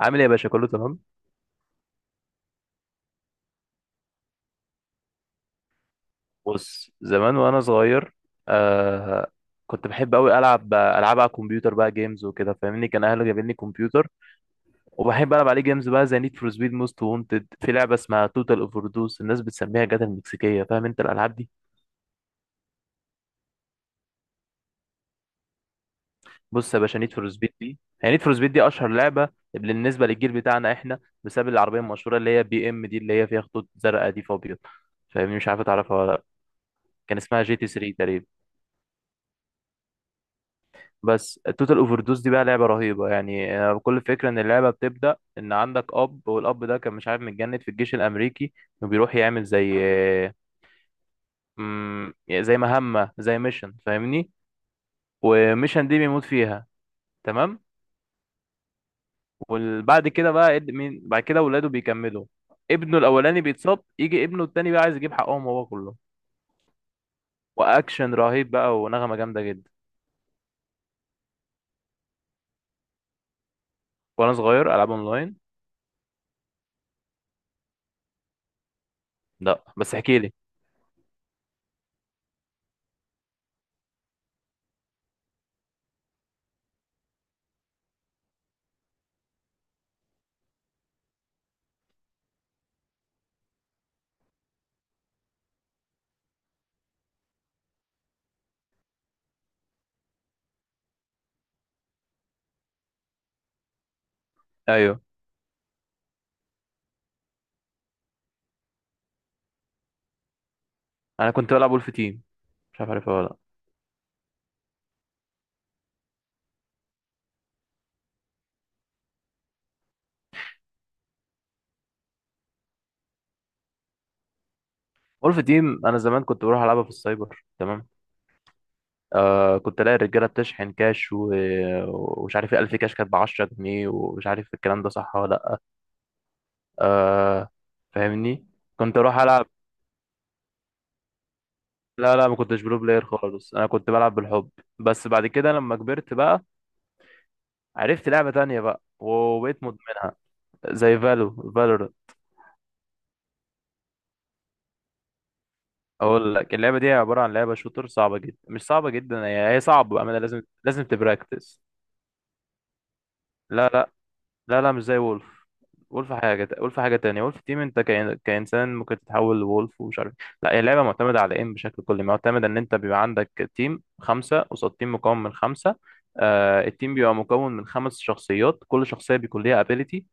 عامل ايه يا باشا؟ كله تمام. بص، زمان وانا صغير، آه كنت بحب قوي العب العاب على الكمبيوتر، بقى جيمز وكده، فاهمني؟ كان اهلي جايبين لي كمبيوتر وبحب العب عليه جيمز بقى، زي نيد فور سبيد موست وونتد، في لعبه اسمها توتال اوفر دوز الناس بتسميها جاتا المكسيكيه، فاهم انت الالعاب دي؟ بص يا باشا، نيد فور سبيد دي هي نيد فور سبيد دي اشهر لعبه بالنسبه للجيل بتاعنا احنا، بسبب العربيه المشهوره اللي هي بي ام دي اللي هي فيها خطوط زرقاء دي فابيض، فاهمني؟ مش عارف تعرفها ولا لا. كان اسمها جي تي 3 تقريبا. بس التوتال اوفر دوز دي بقى لعبه رهيبه يعني، كل فكره ان اللعبه بتبدا ان عندك اب، والاب ده كان مش عارف، متجند في الجيش الامريكي وبيروح يعمل زي، آه، يعني زي مهمه، زي ميشن، فاهمني؟ وميشن دي بيموت فيها. تمام. وبعد كده بقى مين بعد كده ولاده بيكملوا. ابنه الاولاني بيتصاب، يجي ابنه التاني بقى عايز يجيب حقهم هو كله. واكشن رهيب بقى ونغمه جامده جدا. وانا صغير العاب اونلاين؟ لا، بس احكي لي. ايوه، انا كنت بلعب ولف تيم، مش عارف عارفها ولا لأ. وولف تيم انا زمان كنت بروح العبها في السايبر. تمام. آه، كنت الاقي الرجاله بتشحن كاش ومش عارف ايه، 1000 كاش كانت ب 10 جنيه، ومش عارف الكلام ده صح ولا لا. آه، فاهمني، كنت اروح العب. لا لا، ما كنتش برو بلاير خالص، انا كنت بلعب بالحب. بس بعد كده لما كبرت بقى عرفت لعبه تانية بقى وبقيت مدمنها. زي فالورانت. اقول لك، اللعبه دي عباره عن لعبه شوتر صعبه جدا، مش صعبه جدا، هي صعبه بقى، لازم تبراكتس. لا لا. لا لا، مش زي وولف. وولف حاجة، وولف حاجة تانية. وولف تيم انت كإنسان ممكن تتحول لولف ومش عارف إيه. لا، هي لعبة معتمدة على ايه، بشكل كلي معتمدة ان انت بيبقى عندك تيم خمسة قصاد تيم مكون من خمسة. آه، التيم بيبقى مكون من خمس شخصيات، كل شخصية بيكون ليها ابيليتي.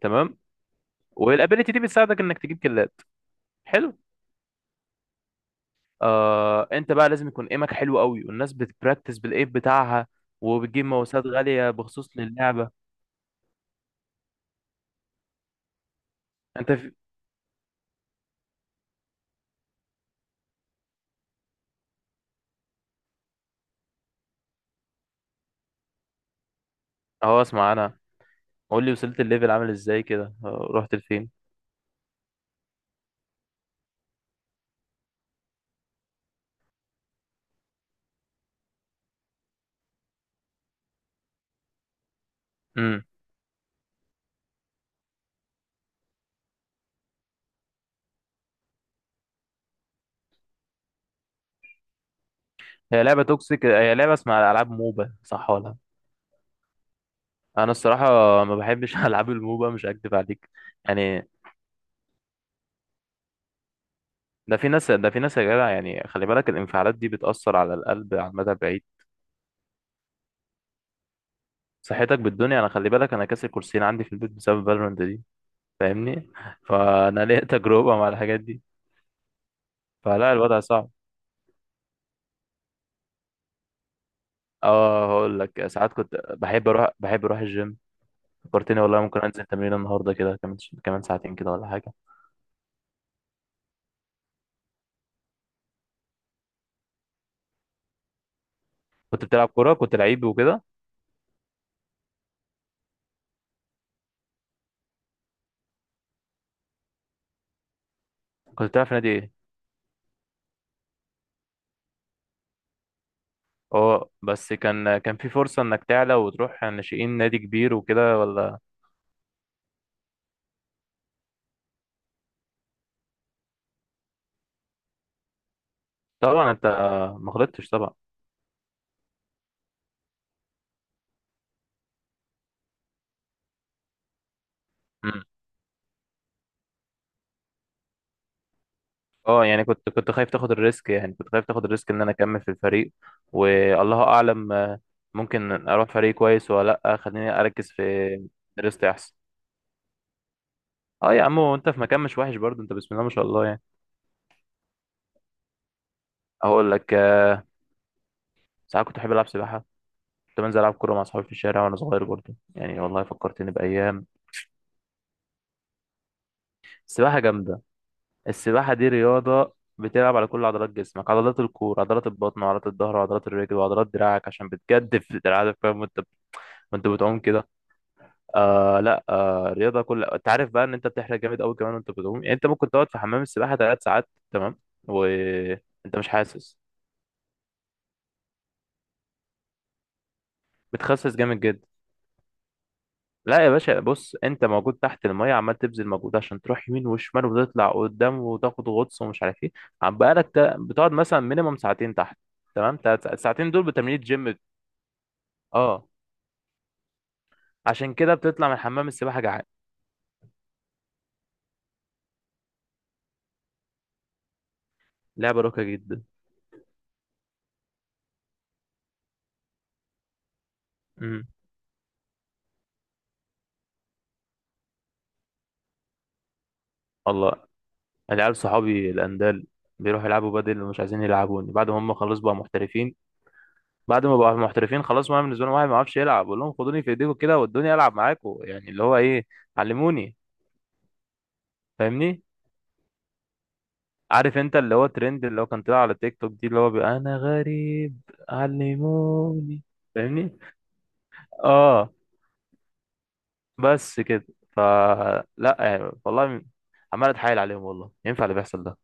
تمام. والابيليتي دي بتساعدك انك تجيب كلات. حلو. آه، انت بقى لازم يكون ايمك حلو قوي، والناس بتبراكتس بالايم بتاعها وبتجيب ماوسات غالية بخصوص للعبة. انت في... اهو اسمع انا، قول لي وصلت الليفل عامل ازاي كده، رحت لفين؟ امم هي لعبه توكسيك، هي لعبه اسمها العاب موبا صح ولا؟ انا الصراحه ما بحبش العاب الموبا، مش هكدب عليك يعني. ده في ناس، ده في ناس يا جدع يعني، خلي بالك الانفعالات دي بتاثر على القلب على المدى البعيد. صحتك بالدنيا، انا خلي بالك، انا كاسر كرسيين عندي في البيت بسبب فالورانت دي، فاهمني؟ فانا ليا تجربه مع الحاجات دي، فلا الوضع صعب. اه، هقول لك، ساعات كنت بحب اروح، بحب اروح الجيم. فكرتني والله، ممكن انزل تمرين النهارده كده كمان، كمان ساعتين كده ولا حاجه. كنت بتلعب كورة؟ كنت لعيب وكده؟ كنت بتلعب في نادي ايه؟ اه، بس كان، كان في فرصة انك تعلى وتروح ناشئين نادي كبير وكده ولا؟ طبعا انت ما غلطتش طبعا. مم. اه يعني، كنت، كنت خايف تاخد الريسك، يعني كنت خايف تاخد الريسك ان انا اكمل في الفريق، والله اعلم. ممكن اروح فريق كويس ولا لا، خليني اركز في دراستي احسن. اه يا عم، وانت في مكان مش وحش برضه، انت بسم الله ما شاء الله يعني. اقول لك، ساعات كنت بحب العب سباحة، كنت بنزل العب كورة مع اصحابي في الشارع وانا صغير برضه يعني، والله فكرتني بايام. السباحة جامدة. السباحة دي رياضة بتلعب على كل عضلات جسمك، عضلات الكور، عضلات البطن، وعضلات الظهر، وعضلات الرجل، وعضلات دراعك عشان بتجدف دراعك، فاهم؟ وانت بتعوم كده، آه لا آه رياضة، كل انت عارف بقى ان انت بتحرق جامد قوي كمان وانت بتعوم، يعني انت ممكن تقعد في حمام السباحة ثلاث ساعات تمام وانت مش حاسس. بتخسس جامد جدا. لا يا باشا، بص، انت موجود تحت المية، عمال تبذل مجهود عشان تروح يمين وشمال وتطلع قدام وتاخد غطس ومش عارف ايه. عم بقالك بتقعد مثلا مينيمم ساعتين تحت. تمام، الساعتين دول بتمرين جيم. اه، عشان كده بتطلع من حمام السباحة جعان. لعبة راقية جدا. امم الله. العيال صحابي الاندال بيروحوا يلعبوا بدل ومش عايزين يلعبوني بعد ما هم خلاص بقى محترفين. بعد ما بقى محترفين خلاص، ما بالنسبة لهم واحد ما يعرفش يلعب، بقول لهم خدوني في ايديكم كده، ودوني العب معاكم، يعني اللي هو ايه، علموني، فاهمني؟ عارف انت اللي هو ترند اللي هو كان طلع على تيك توك دي، اللي هو بيبقى انا غريب، علموني. فاهمني؟ اه، بس كده. فلا يعني والله، عمال اتحايل عليهم، والله ينفع اللي بيحصل ده؟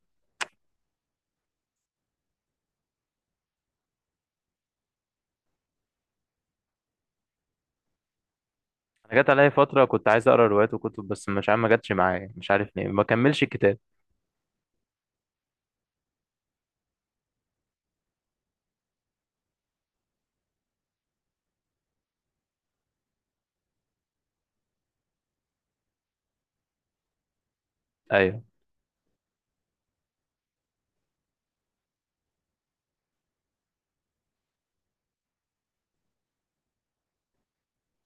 انا جت عليا فتره كنت عايز اقرا روايات وكتب بس مش عارف، ما جاتش معايا، مش عارف ليه ما كملش الكتاب. ايوه.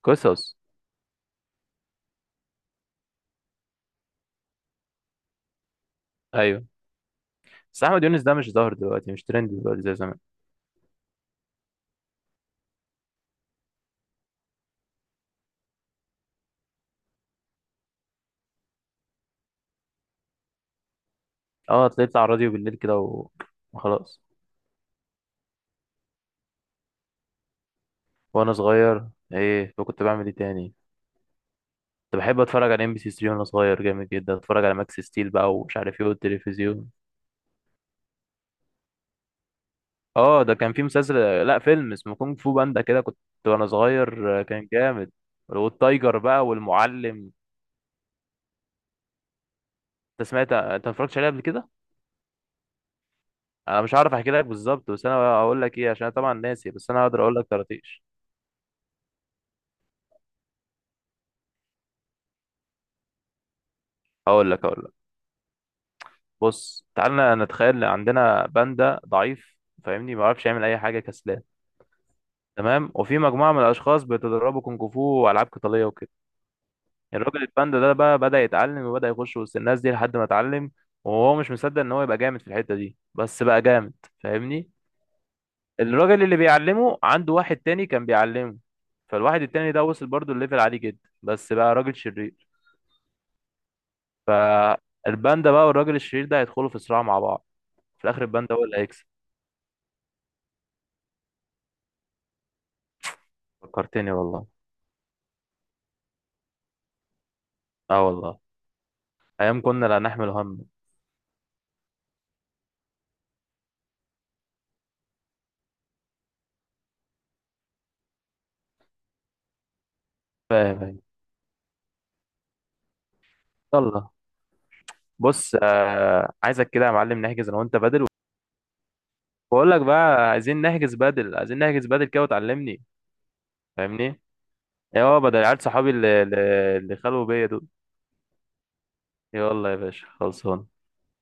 قصص. ايوه، بس احمد يونس ده مش ظاهر دلوقتي، مش ترند دلوقتي زي زمان. اه، طلعت على الراديو بالليل كده وخلاص. وانا صغير ايه وكنت بعمل ايه تاني؟ كنت بحب اتفرج على ام بي سي 3 وانا صغير جامد جدا، اتفرج على ماكس ستيل بقى ومش عارف ايه، والتلفزيون. اه، ده كان في مسلسل، لا فيلم اسمه كونج فو باندا، كده كنت وانا صغير، كان جامد، والتايجر بقى، والمعلم. انت سمعت؟ انت ما اتفرجتش عليه قبل كده؟ انا مش هعرف احكي لك بالظبط، بس انا هقول لك ايه، عشان أنا طبعا ناسي، بس انا هقدر اقول لك طرطيش. هقول لك، بص، تعالى نتخيل إن عندنا باندا ضعيف، فاهمني؟ ما بيعرفش يعمل اي حاجه، كسلان. تمام. وفي مجموعه من الاشخاص بيتدربوا كونج فو والعاب قتاليه وكده. الراجل الباندا ده بقى بدأ يتعلم وبدأ يخش وسط الناس دي لحد ما اتعلم، وهو مش مصدق ان هو يبقى جامد في الحتة دي، بس بقى جامد، فاهمني؟ الراجل اللي بيعلمه عنده واحد تاني كان بيعلمه، فالواحد التاني ده وصل برضه الليفل عالي جدا، بس بقى راجل شرير. الباندا بقى والراجل الشرير ده هيدخلوا في صراع مع بعض. في الاخر الباندا هو اللي هيكسب. فكرتني والله. اه والله، ايام كنا لا نحمل هم. فاهم. أيوة. يلا. بص، آه، عايزك كده يا معلم نحجز انا وانت بدل. بقول لك بقى، عايزين نحجز بدل، عايزين نحجز بدل كده وتعلمني، فاهمني؟ يا هو بدل، عيال صحابي اللي اللي خلوا بيا دول. يلا يا باشا، خلصان.